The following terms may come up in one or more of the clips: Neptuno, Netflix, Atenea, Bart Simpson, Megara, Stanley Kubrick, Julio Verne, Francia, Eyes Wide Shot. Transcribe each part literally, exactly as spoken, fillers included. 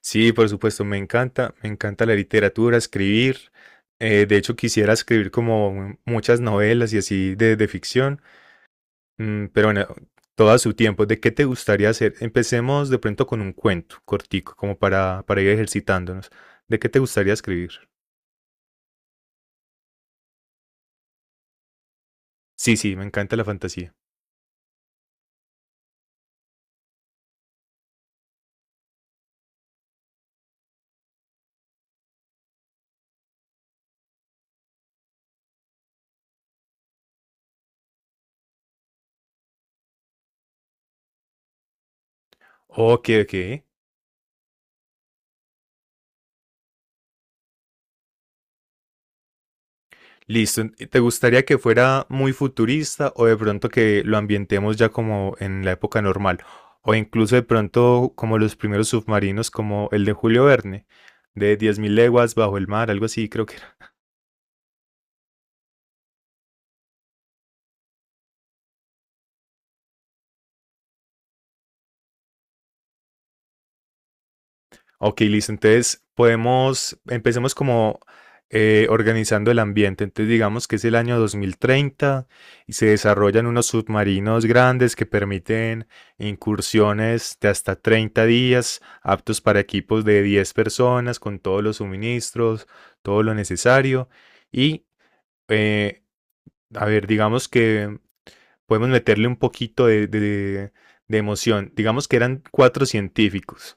Sí, por supuesto, me encanta, me encanta la literatura, escribir. Eh, de hecho, quisiera escribir como mu- muchas novelas y así de, de ficción. Mm, pero bueno, todo a su tiempo. ¿De qué te gustaría hacer? Empecemos de pronto con un cuento cortico, como para, para ir ejercitándonos. ¿De qué te gustaría escribir? Sí, sí, me encanta la fantasía. Ok, ok. Listo. ¿Y te gustaría que fuera muy futurista o de pronto que lo ambientemos ya como en la época normal? O incluso de pronto como los primeros submarinos, como el de Julio Verne, de diez mil leguas bajo el mar, algo así, creo que. Ok, listo. Entonces podemos, empecemos como eh, organizando el ambiente. Entonces digamos que es el año dos mil treinta y se desarrollan unos submarinos grandes que permiten incursiones de hasta treinta días, aptos para equipos de diez personas, con todos los suministros, todo lo necesario. Y, eh, a ver, digamos que podemos meterle un poquito de, de de emoción. Digamos que eran cuatro científicos.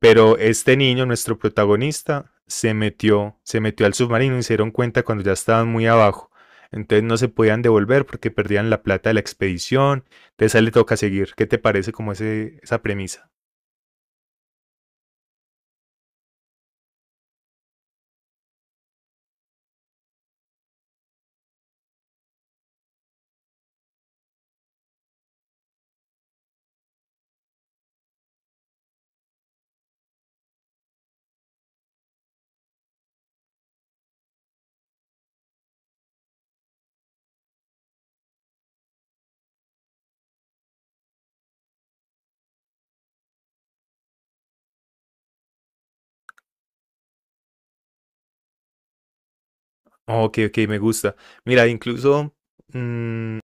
Pero este niño, nuestro protagonista, se metió, se metió al submarino y se dieron cuenta cuando ya estaban muy abajo. Entonces no se podían devolver porque perdían la plata de la expedición. Entonces a él le toca seguir. ¿Qué te parece como ese, esa premisa? Ok, ok, me gusta. Mira, incluso mmm,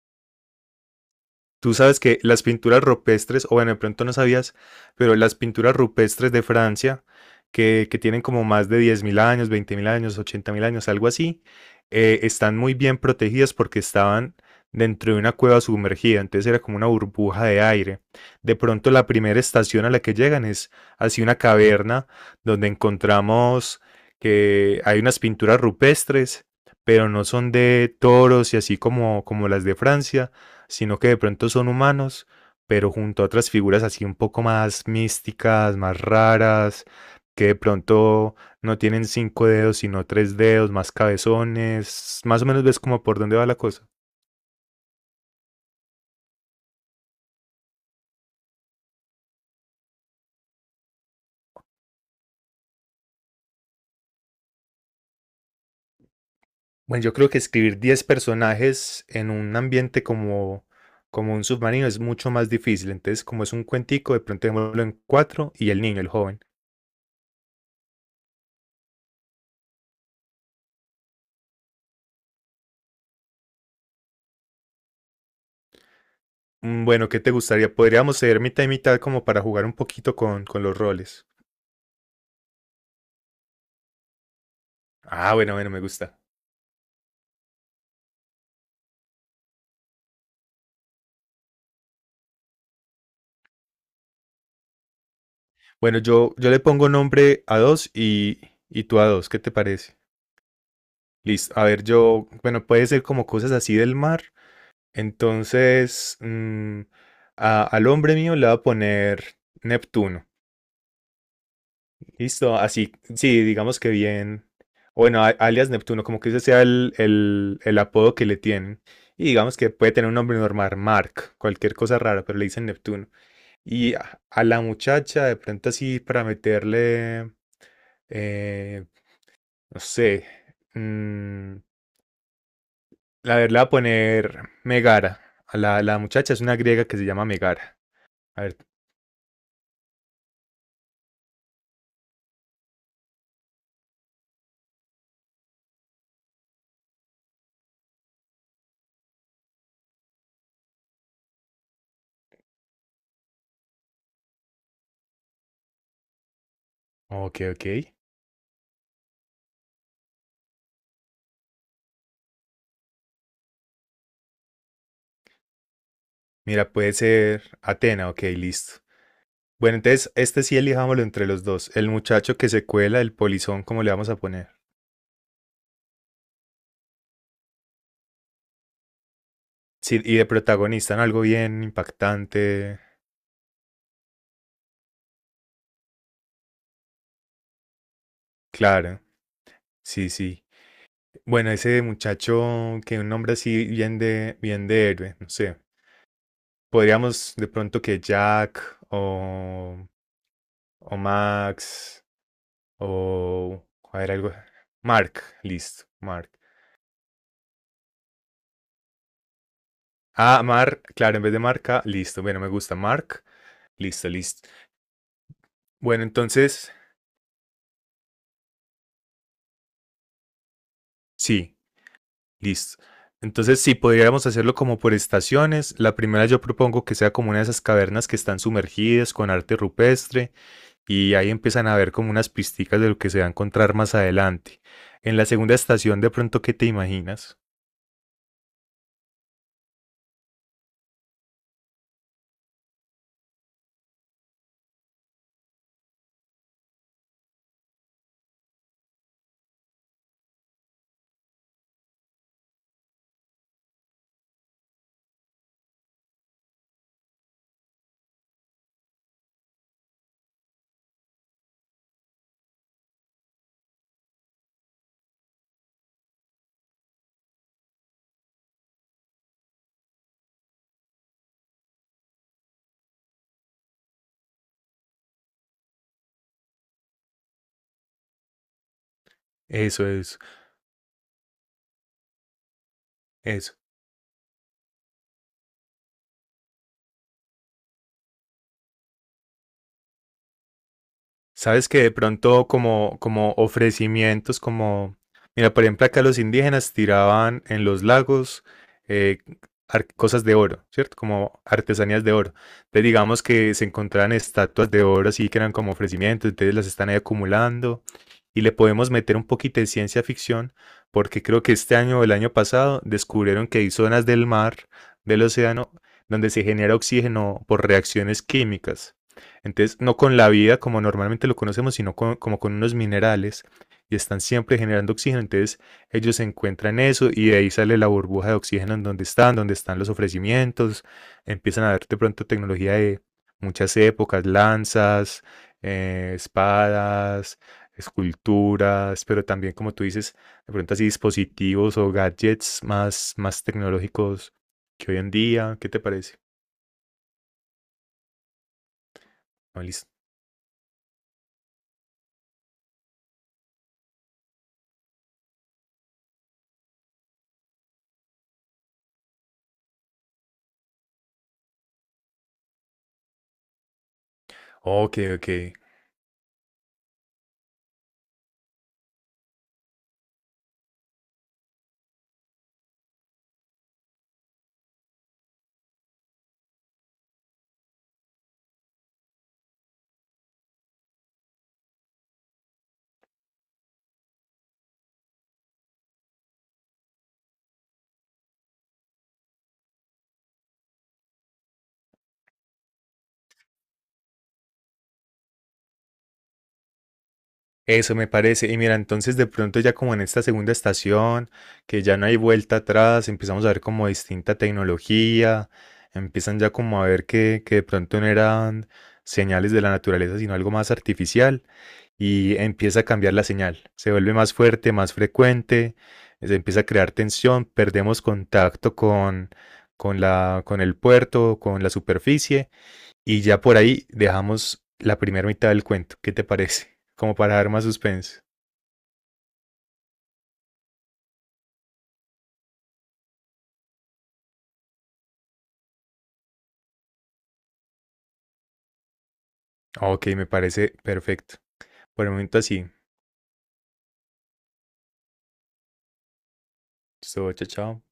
tú sabes que las pinturas rupestres, o bueno, de pronto no sabías, pero las pinturas rupestres de Francia, que, que tienen como más de diez mil años, veinte mil años, ochenta mil años, algo así, eh, están muy bien protegidas porque estaban dentro de una cueva sumergida, entonces era como una burbuja de aire. De pronto la primera estación a la que llegan es así una caverna donde encontramos que hay unas pinturas rupestres, pero no son de toros y así como, como las de Francia, sino que de pronto son humanos, pero junto a otras figuras así un poco más místicas, más raras, que de pronto no tienen cinco dedos, sino tres dedos, más cabezones. Más o menos ves como por dónde va la cosa. Bueno, yo creo que escribir diez personajes en un ambiente como, como un submarino es mucho más difícil. Entonces, como es un cuentico, de pronto démoslo en cuatro y el niño, el joven. Mm, Bueno, ¿qué te gustaría? Podríamos ser mitad y mitad como para jugar un poquito con, con los roles. Ah, bueno, bueno, me gusta. Bueno, yo, yo le pongo nombre a dos y, y tú a dos, ¿qué te parece? Listo. A ver, yo, bueno, puede ser como cosas así del mar. Entonces, mm, a- al hombre mío le voy a poner Neptuno. Listo, así, sí, digamos que bien. Bueno, a- alias Neptuno, como que ese sea el, el, el apodo que le tienen. Y digamos que puede tener un nombre normal, Mark, cualquier cosa rara, pero le dicen Neptuno. Y a, a la muchacha, de pronto así, para meterle, eh, no sé. mm, la verdad, voy a poner Megara. A la, la muchacha es una griega que se llama Megara. A ver, ok, ok. Mira, puede ser Atena, ok, listo. Bueno, entonces este sí elijámoslo entre los dos. El muchacho que se cuela, el polizón, ¿cómo le vamos a poner? Sí, y de protagonista en algo bien impactante. Claro, sí, sí. Bueno, ese muchacho que un nombre así bien de, bien de héroe, no sé. Podríamos de pronto que Jack o O Max. O. A ver, algo. Mark. Listo. Mark. Ah, Mark. Claro, en vez de marca, listo. Bueno, me gusta Mark. Listo, listo. Bueno, entonces. Sí, listo. Entonces, sí, podríamos hacerlo como por estaciones, la primera yo propongo que sea como una de esas cavernas que están sumergidas con arte rupestre y ahí empiezan a ver como unas pisticas de lo que se va a encontrar más adelante. En la segunda estación, de pronto, ¿qué te imaginas? Eso es, eso. Sabes que de pronto como, como ofrecimientos, como, mira, por ejemplo, acá los indígenas tiraban en los lagos eh, ar- cosas de oro, ¿cierto? Como artesanías de oro. Entonces digamos que se encontraban estatuas de oro así que eran como ofrecimientos, entonces las están ahí acumulando y le podemos meter un poquito de ciencia ficción porque creo que este año o el año pasado descubrieron que hay zonas del mar, del océano, donde se genera oxígeno por reacciones químicas. Entonces, no con la vida como normalmente lo conocemos, sino con- como con unos minerales y están siempre generando oxígeno. Entonces, ellos encuentran eso y de ahí sale la burbuja de oxígeno en donde están, donde están los ofrecimientos. Empiezan a ver de pronto tecnología de muchas épocas, lanzas, eh, espadas, esculturas, pero también, como tú dices, de pronto así dispositivos o gadgets más, más tecnológicos que hoy en día. ¿Qué te parece? Ah, listo. Ok, ok. Eso me parece. Y mira, entonces de pronto ya como en esta segunda estación, que ya no hay vuelta atrás, empezamos a ver como distinta tecnología, empiezan ya como a ver que, que de pronto no eran señales de la naturaleza, sino algo más artificial, y empieza a cambiar la señal. Se vuelve más fuerte, más frecuente, se empieza a crear tensión, perdemos contacto con, con la, con el puerto, con la superficie, y ya por ahí dejamos la primera mitad del cuento. ¿Qué te parece? Como para dar más suspense. Ok, me parece perfecto. Por el momento así. Esto, chao, chao.